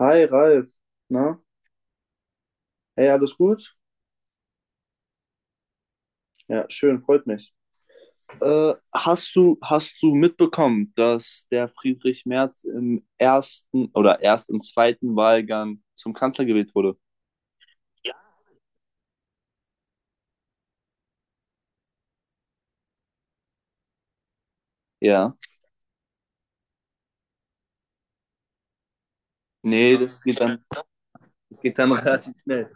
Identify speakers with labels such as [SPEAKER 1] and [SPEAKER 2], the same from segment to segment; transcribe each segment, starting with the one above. [SPEAKER 1] Hi Ralf, na? Hey, alles gut? Ja, schön, freut mich. Hast du mitbekommen, dass der Friedrich Merz im ersten oder erst im zweiten Wahlgang zum Kanzler gewählt wurde? Ja. Nee, das geht dann relativ schnell.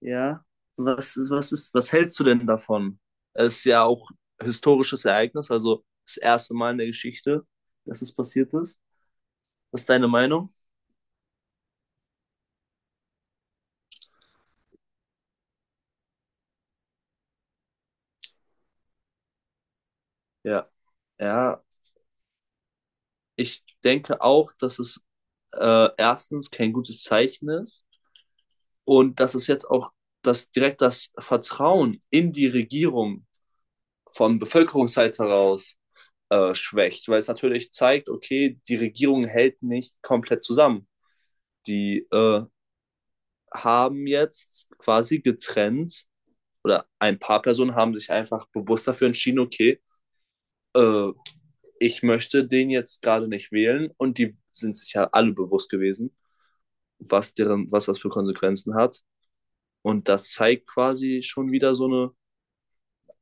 [SPEAKER 1] Ja. Was hältst du denn davon? Es ist ja auch historisches Ereignis, also das erste Mal in der Geschichte, dass es passiert ist. Was ist deine Meinung? Ja. Ja, ich denke auch, dass es erstens kein gutes Zeichen ist und dass es jetzt auch das direkt das Vertrauen in die Regierung von Bevölkerungsseite heraus schwächt, weil es natürlich zeigt, okay, die Regierung hält nicht komplett zusammen. Die haben jetzt quasi getrennt oder ein paar Personen haben sich einfach bewusst dafür entschieden, okay, äh, ich möchte den jetzt gerade nicht wählen, und die sind sich ja alle bewusst gewesen, was deren, was das für Konsequenzen hat. Und das zeigt quasi schon wieder so eine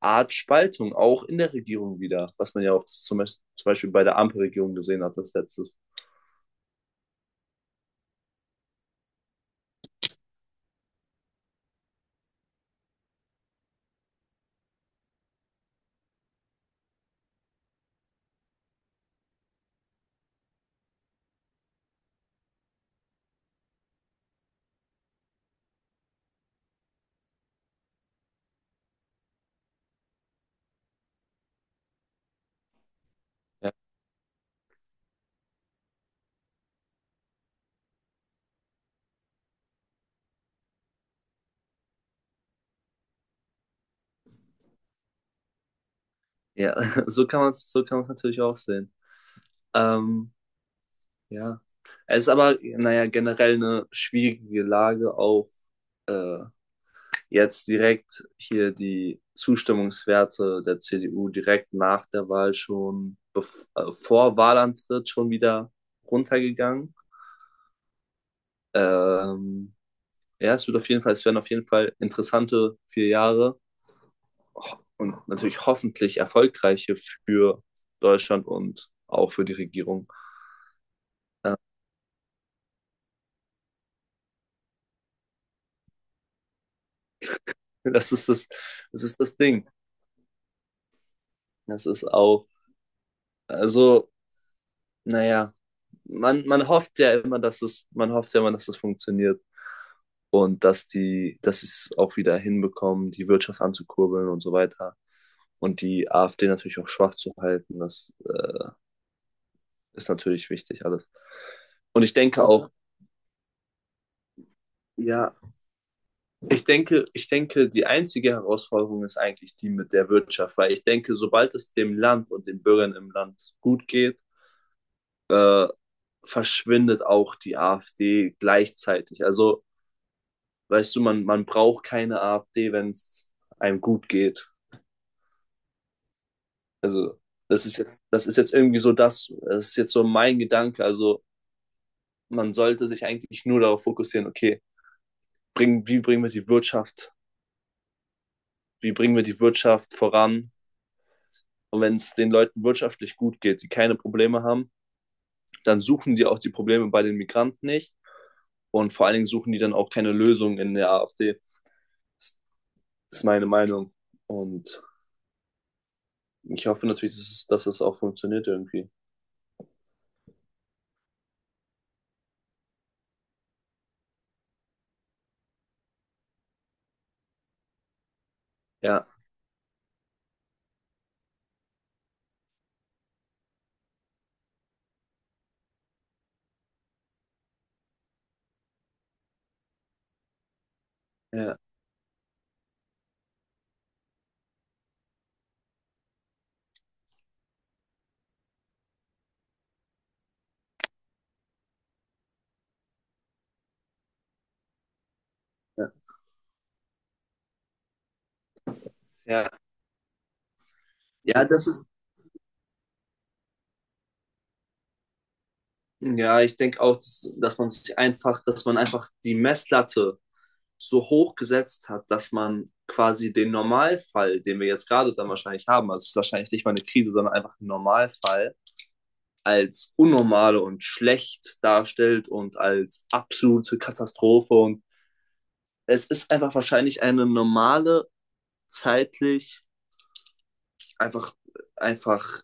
[SPEAKER 1] Art Spaltung, auch in der Regierung wieder, was man ja auch zum Beispiel bei der Ampelregierung gesehen hat, das letztes. Ja. Ja, so kann man es natürlich auch sehen. Ähm, ja. Es ist aber, naja, generell eine schwierige Lage, auch äh, jetzt direkt hier die Zustimmungswerte der CDU direkt nach der Wahl schon, vor Wahlantritt schon wieder runtergegangen. Ähm, ja, es werden auf jeden Fall interessante 4 Jahre und natürlich hoffentlich erfolgreiche für Deutschland und auch für die Regierung. Das ist das, Das ist das Ding. Das ist auch, also, naja, man hofft ja immer, dass es, man hofft ja immer, dass es funktioniert und dass die, dass sie es auch wieder hinbekommen, die Wirtschaft anzukurbeln und so weiter. Und die AfD natürlich auch schwach zu halten. Das ist natürlich wichtig alles. Und ich denke auch, ja, ich denke, die einzige Herausforderung ist eigentlich die mit der Wirtschaft, weil ich denke, sobald es dem Land und den Bürgern im Land gut geht, äh, verschwindet auch die AfD gleichzeitig. Also, weißt du, man braucht keine AfD, wenn es einem gut geht. Also, das ist jetzt irgendwie das ist jetzt so mein Gedanke. Also, man sollte sich eigentlich nur darauf fokussieren, okay, bring, wie bringen wir die Wirtschaft wie bringen wir die Wirtschaft voran. Und wenn es den Leuten wirtschaftlich gut geht, die keine Probleme haben, dann suchen die auch die Probleme bei den Migranten nicht. Und vor allen Dingen suchen die dann auch keine Lösung in der AfD. Das ist meine Meinung. Und ich hoffe natürlich, dass es auch funktioniert irgendwie. Ja, ja, ja. Ja, ja, ja, ich denke auch, dass man sich einfach, dass man einfach die Messlatte so hoch gesetzt hat, dass man quasi den Normalfall, den wir jetzt gerade dann wahrscheinlich haben, also es ist wahrscheinlich nicht mal eine Krise, sondern einfach ein Normalfall, als unnormale und schlecht darstellt und als absolute Katastrophe. Und es ist einfach wahrscheinlich eine normale, zeitlich einfach, einfach,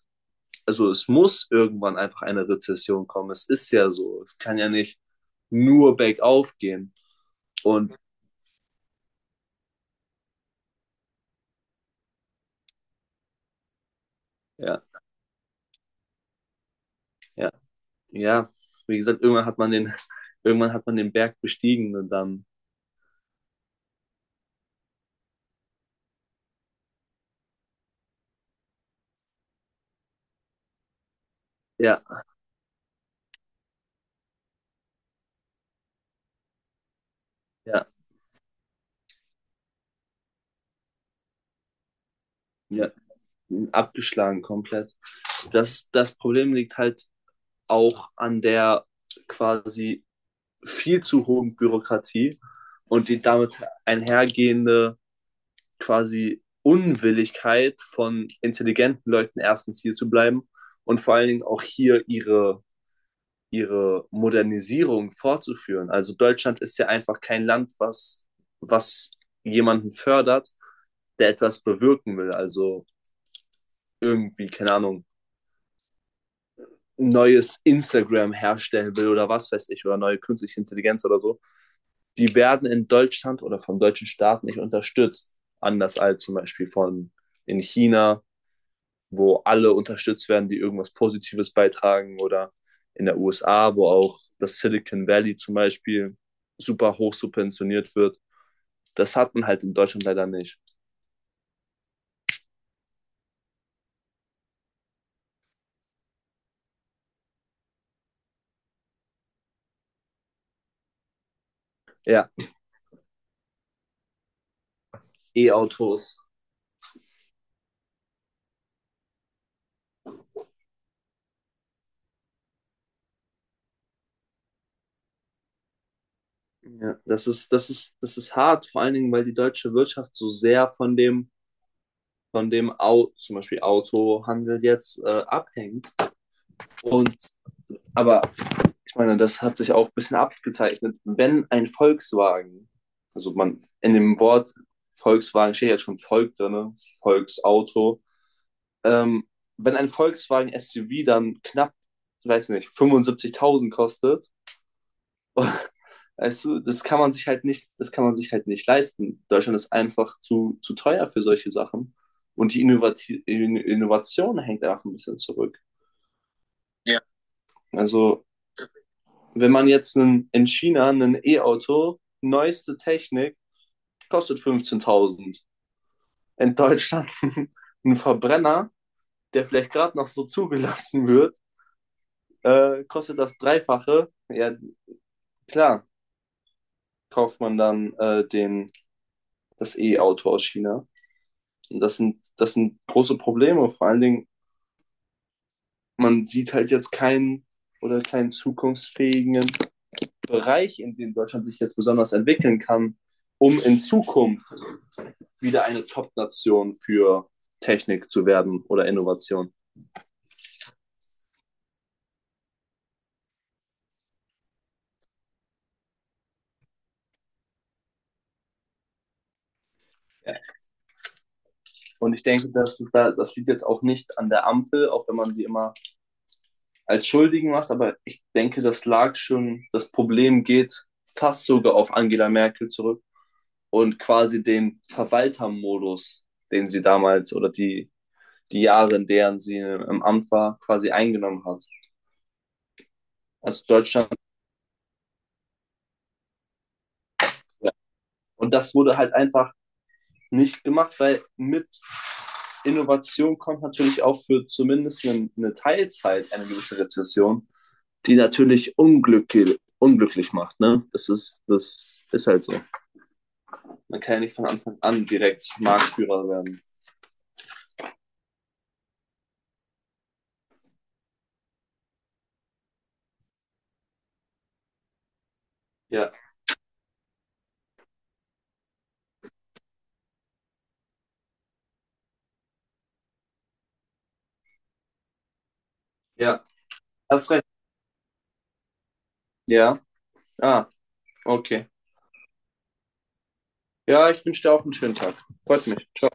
[SPEAKER 1] also es muss irgendwann einfach eine Rezession kommen. Es ist ja so. Es kann ja nicht nur bergauf gehen. Und ja, ja. Ja, wie gesagt, irgendwann hat man den, irgendwann hat man den Berg bestiegen und dann, ja, ja, ja, abgeschlagen komplett. Das Problem liegt halt auch an der quasi viel zu hohen Bürokratie und die damit einhergehende quasi Unwilligkeit von intelligenten Leuten erstens hier zu bleiben und vor allen Dingen auch hier ihre Modernisierung fortzuführen. Also Deutschland ist ja einfach kein Land, was jemanden fördert, der etwas bewirken will. Also irgendwie, keine Ahnung, neues Instagram herstellen will oder was weiß ich, oder neue künstliche Intelligenz oder so. Die werden in Deutschland oder vom deutschen Staat nicht unterstützt. Anders als zum Beispiel von in China, wo alle unterstützt werden, die irgendwas Positives beitragen, oder in der USA, wo auch das Silicon Valley zum Beispiel super hoch subventioniert wird. Das hat man halt in Deutschland leider nicht. Ja, E-Autos. Ja, das ist hart, vor allen Dingen, weil die deutsche Wirtschaft so sehr von dem, Au zum Beispiel Autohandel jetzt abhängt. Und aber, ich meine, das hat sich auch ein bisschen abgezeichnet. Wenn ein Volkswagen, also man in dem Wort Volkswagen steht ja schon Volk drin, ne? Volksauto, ähm, wenn ein Volkswagen SUV dann knapp, ich weiß nicht, 75.000 kostet, weißt du, das kann man sich halt nicht leisten. Deutschland ist einfach zu teuer für solche Sachen. Und die Innovation hängt einfach ein bisschen zurück. Ja. Also wenn man jetzt in China ein E-Auto, neueste Technik, kostet 15.000. In Deutschland ein Verbrenner, der vielleicht gerade noch so zugelassen wird, kostet das Dreifache. Ja, klar, kauft man dann das E-Auto aus China. Und das sind große Probleme. Vor allen Dingen, man sieht halt jetzt keinen zukunftsfähigen Bereich, in dem Deutschland sich jetzt besonders entwickeln kann, um in Zukunft wieder eine Top-Nation für Technik zu werden oder Innovation. Ja. Und ich denke, das liegt jetzt auch nicht an der Ampel, auch wenn man die immer als Schuldigen macht, aber ich denke, das lag schon, das Problem geht fast sogar auf Angela Merkel zurück und quasi den Verwaltermodus, den sie damals oder die Jahre, in deren sie im Amt war, quasi eingenommen hat. Also Deutschland. Und das wurde halt einfach nicht gemacht, weil mit Innovation kommt natürlich auch für zumindest eine Teilzeit eine gewisse Rezession, die natürlich unglücklich, unglücklich macht. Ne? Das ist halt so. Man kann ja nicht von Anfang an direkt Marktführer werden. Ja, ja, hast recht. Ja, ah, okay. Ja, ich wünsche dir auch einen schönen Tag. Freut mich. Ciao.